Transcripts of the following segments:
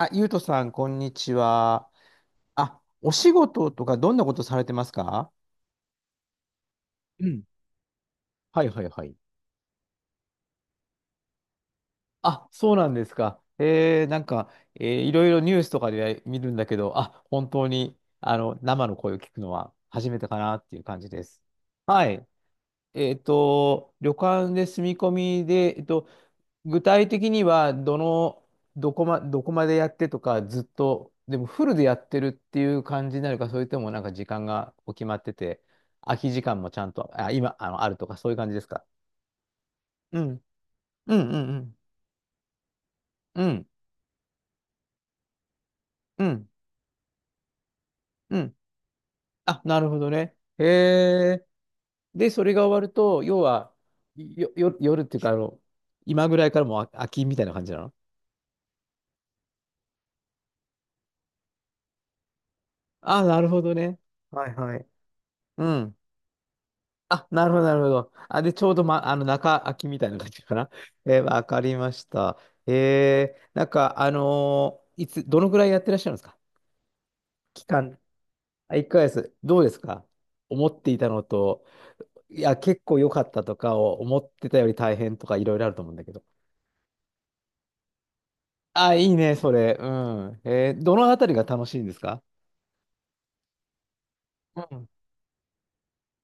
あ、ゆうとさん、こんにちは。あ、お仕事とかどんなことされてますか？うん。はいはいはい。あ、そうなんですか。いろいろニュースとかで見るんだけど、あ、本当に、生の声を聞くのは初めてかなっていう感じです。はい。旅館で住み込みで、具体的には、どこまでやってとか、ずっと、でもフルでやってるっていう感じになるか、それともなんか時間がお決まってて、空き時間もちゃんと、あ、今、あるとか、そういう感じですか？うん。うんうんうん。うん。うん。うん。あ、なるほどね。へえ。で、それが終わると、要は、夜っていうか、今ぐらいからもう空きみたいな感じなの？あ、なるほどね。はいはい。うん。あ、なるほど、なるほど。あ、で、ちょうど、ま、中空きみたいな感じかな。えー、わかりました。いつ、どのぐらいやってらっしゃるんですか？期間。あ、1ヶ月。どうですか？思っていたのと、いや、結構良かったとかを思ってたより大変とかいろいろあると思うんだけど。あ、いいね、それ。うん。えー、どのあたりが楽しいんですか？うん。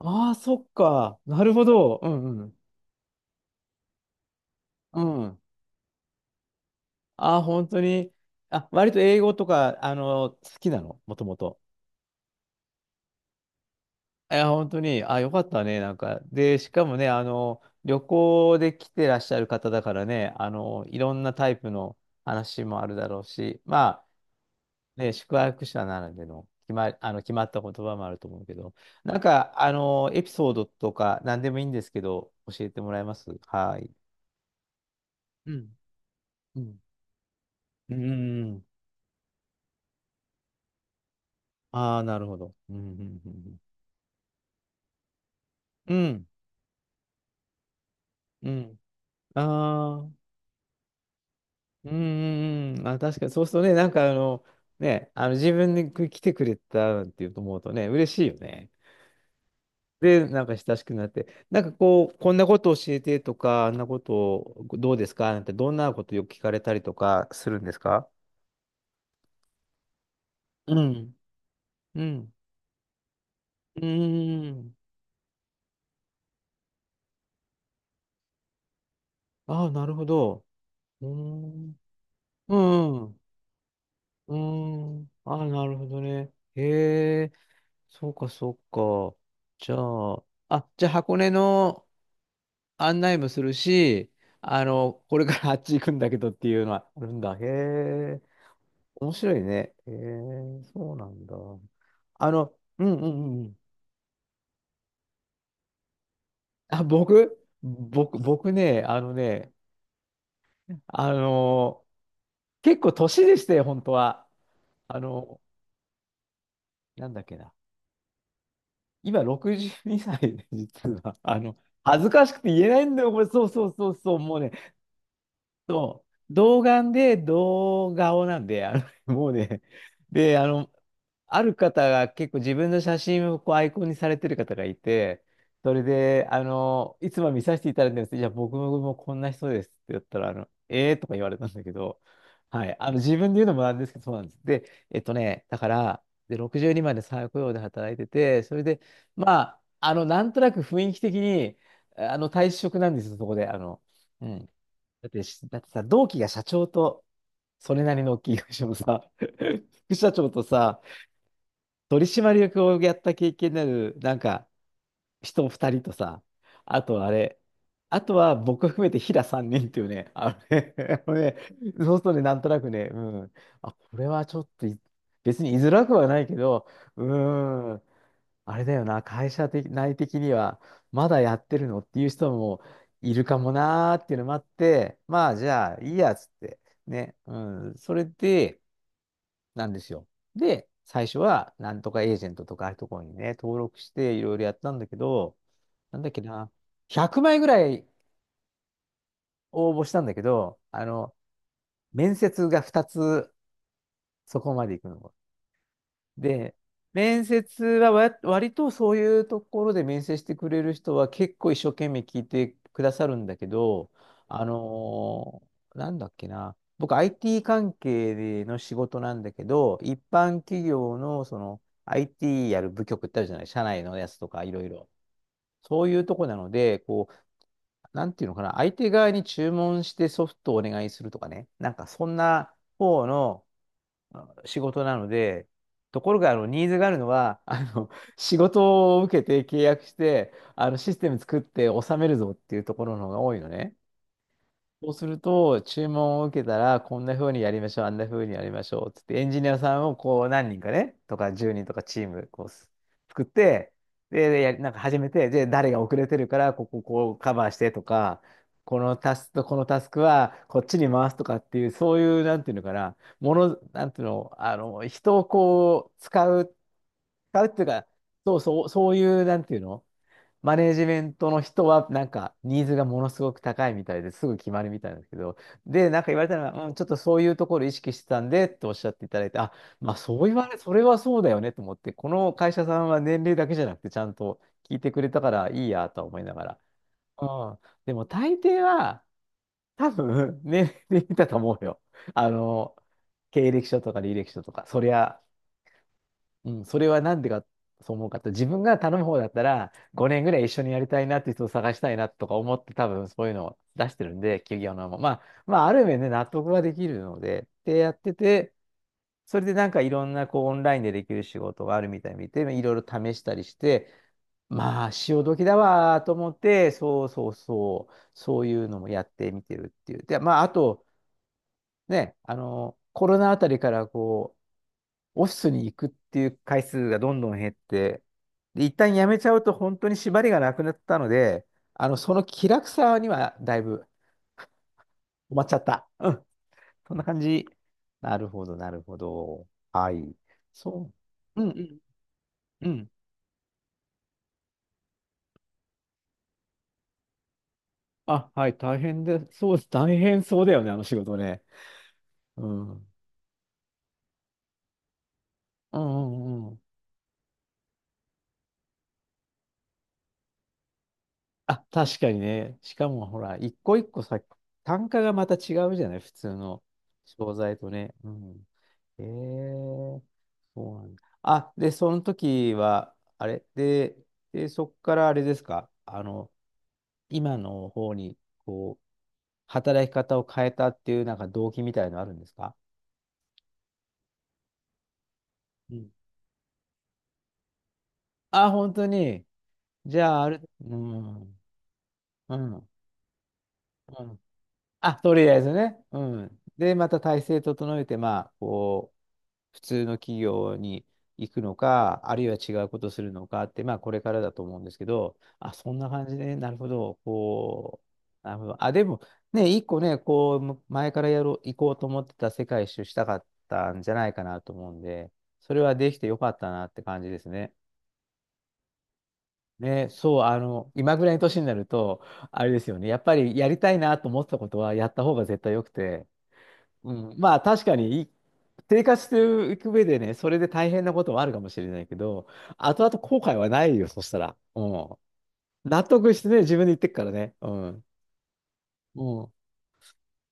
ああ、そっか。なるほど。うんうん。うん。ああ、本当に。あ、割と英語とか、好きなのもともと。元々？いや、本当に、あ、よかったね、なんか。で、しかもね、旅行で来てらっしゃる方だからね、いろんなタイプの話もあるだろうし、まあ、ね、宿泊者ならでの、決まった言葉もあると思うけど、なんか、エピソードとか、何でもいいんですけど、教えてもらえます？はい。うん。うん。うんうんうん。ああー、なるほど。うん、うん、うん。ああなるほど。うんうんうんうんうんうん。あー。うんうんうん。あ、確かに、そうするとね、なんかあの、ね、あの自分に来てくれたっていうと思うとね、嬉しいよね。で、なんか親しくなって、なんかこう、こんなこと教えてとか、あんなことどうですかなんて、どんなことよく聞かれたりとかするんですか？うん。うん。うーん。ああ、なるほど。うーん。うん。うーん。ああ、なるほどね。へえ、そうか、そうか。じゃあ、あ、じゃあ箱根の、案内もするし、これからあっち行くんだけどっていうのはあるんだ。へえ、面白いね。へえ、そうなんだ。あの、うんうんうん。あ、僕ね、あの、結構年でして本当は。あの、なんだっけな。今62歳で、実は。あの、恥ずかしくて言えないんだよ、これ。そうそうそうそう。もうね、そう、童顔で童顔なんで、もうね、で、ある方が結構自分の写真をこうアイコンにされてる方がいて、それで、いつも見させていただいてるんですけど、じゃあ僕もこんな人ですって言ったら、ええー、とか言われたんだけど、はい、自分で言うのもなんですけど、そうなんです。で、だから、で、62まで再雇用で働いてて、それで、まあ、なんとなく雰囲気的に、退職なんですよ、そこで、うん。だってさ、同期が社長と、それなりの大きい会社のさ、副社長とさ、取締役をやった経験のある、なんか、人2人とさ、あとあれ、あとは僕含めて平3人っていうね、あのね、あのね、そうするとね、なんとなくね、うん、あ、これはちょっとい別に居づらくはないけど、うーん、あれだよな、会社的、内的には、まだやってるのっていう人もいるかもなーっていうのもあって、まあじゃあいいやつって、ね、うん、それで、なんですよ。で、最初は、なんとかエージェントとかああいうところにね、登録していろいろやったんだけど、なんだっけな、100枚ぐらい応募したんだけど、面接が2つそこまで行くの。で、面接はわ割とそういうところで面接してくれる人は結構一生懸命聞いてくださるんだけど、あのーなんだっけな、僕 IT 関係の仕事なんだけど、一般企業のその IT やる部局ってあるじゃない、社内のやつとかいろいろ。そういうとこなので、こう、なんていうのかな、相手側に注文してソフトをお願いするとかね、なんかそんな方の仕事なので、ところがあのニーズがあるのは、あの仕事を受けて契約して、あのシステム作って納めるぞっていうところの方が多いのね。そうすると、注文を受けたら、こんな風にやりましょう、あんな風にやりましょう、つって、エンジニアさんをこう何人かね、とか10人とかチームこうす作って、で、でやりなんか始めて、で、誰が遅れてるから、こうカバーしてとか、このタスクとこのタスクはこっちに回すとかっていう、そういう、なんていうのかな、もの、なんていうの、人をこう、使うっていうか、そうそう、そういう、なんていうの、マネージメントの人は、なんか、ニーズがものすごく高いみたいですぐ決まるみたいなんですけど、で、なんか言われたのは、うん、ちょっとそういうところ意識してたんで、っておっしゃっていただいて、あ、まあ、そう言われ、それはそうだよねと思って、この会社さんは年齢だけじゃなくて、ちゃんと聞いてくれたからいいやとは思いながら。うん。でも、大抵は、多分、年齢だと思うよ。あの、経歴書とか履歴書とか、そりゃ、うん、それはなんでか、そう思うかって、自分が頼む方だったら、5年ぐらい一緒にやりたいなって人を探したいなとか思って、多分そういうのを出してるんで、企業のも。まあ、まあ、ある面ね、納得ができるので、で、やってて、それでなんかいろんなこうオンラインでできる仕事があるみたいに見て、いろいろ試したりして、まあ、潮時だわーと思って、そうそうそう、そういうのもやってみてるっていう。で、まあ、あと、ね、コロナあたりからこう、オフィスに行くっていう回数がどんどん減って、で、一旦辞めちゃうと本当に縛りがなくなったので、その気楽さにはだいぶ困っちゃった。うん。そんな感じ。なるほど、なるほど。はい。そう。うんうんうん。あ、はい、大変で、そうです。大変そうだよね、あの仕事ね。うん。うんうんうん。あ、確かにね。しかもほら、一個一個さ、単価がまた違うじゃない、普通の商材とね。うん。えー、そうなんだ。あ、で、その時は、あれで、で、そこからあれですか、今の方に、働き方を変えたっていう、なんか動機みたいのあるんですか？うん。あ、本当に。じゃあ、ある、うん、うん、うん。あ、とりあえずね。うん。で、また体制整えて、普通の企業に行くのか、あるいは違うことするのかって、まあ、これからだと思うんですけど、あ、そんな感じで、なるほど、なるほど。あ、でも、ね、一個ね、前からやろう、行こうと思ってた世界一周したかったんじゃないかなと思うんで、それはできてよかったなって感じですね。ね、そう、あの、今ぐらいの年になると、あれですよね、やっぱりやりたいなと思ってたことは、やった方が絶対良くて、うん、まあ確かにい生活していく上でね、それで大変なこともあるかもしれないけど、後々後悔はないよ、そしたら。うん。納得してね、自分で言ってくからね。うん。うん。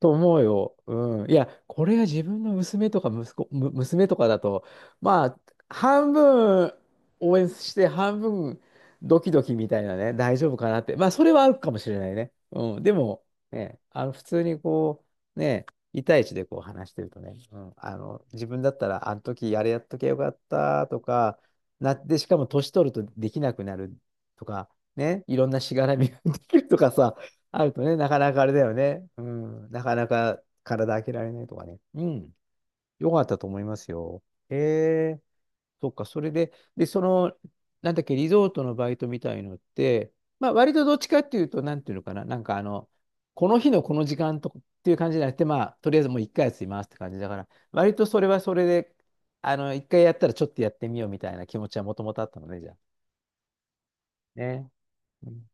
と思うよ。うん。いや、これが自分の娘とか息子、娘とかだと、まあ、半分応援して、半分ドキドキみたいなね、大丈夫かなって。まあ、それはあるかもしれないね。うん。でも、ね、普通にね、一対いちでこう話してるとね、うん、あの、自分だったら、あの時あれやっときゃよかったとか、なって、しかも年取るとできなくなるとか、ね、いろんなしがらみができるとかさ、あるとね、なかなかあれだよね。うん。なかなか体開けられないとかね。うん。よかったと思いますよ。へえ、そっか。それで、で、その、なんだっけ、リゾートのバイトみたいのって、まあ、割とどっちかっていうと、なんていうのかな。この日のこの時間とかっていう感じじゃなくて、まあ、とりあえずもう一回休みますって感じだから、割とそれはそれで、あの、一回やったらちょっとやってみようみたいな気持ちはもともとあったのね、じゃあ。ね。うん。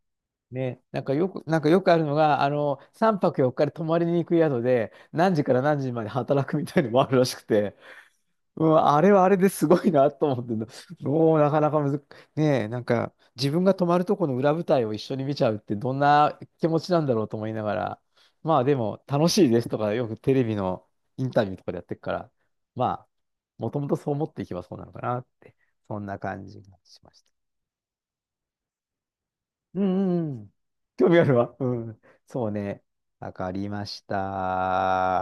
ね、なんかよくあるのが、あの、3泊4日で泊まりに行く宿で、何時から何時まで働くみたいのもあるらしくて、うん、あれはあれですごいなと思ってんだ、もうなかなかむず、ねえ、なんか自分が泊まるとこの裏舞台を一緒に見ちゃうってどんな気持ちなんだろうと思いながら、まあでも楽しいですとか、よくテレビのインタビューとかでやってるから、まあ、もともとそう思っていけばそうなのかなって、そんな感じがしました。うん、うん。興味あるわ。うん。そうね。わかりました。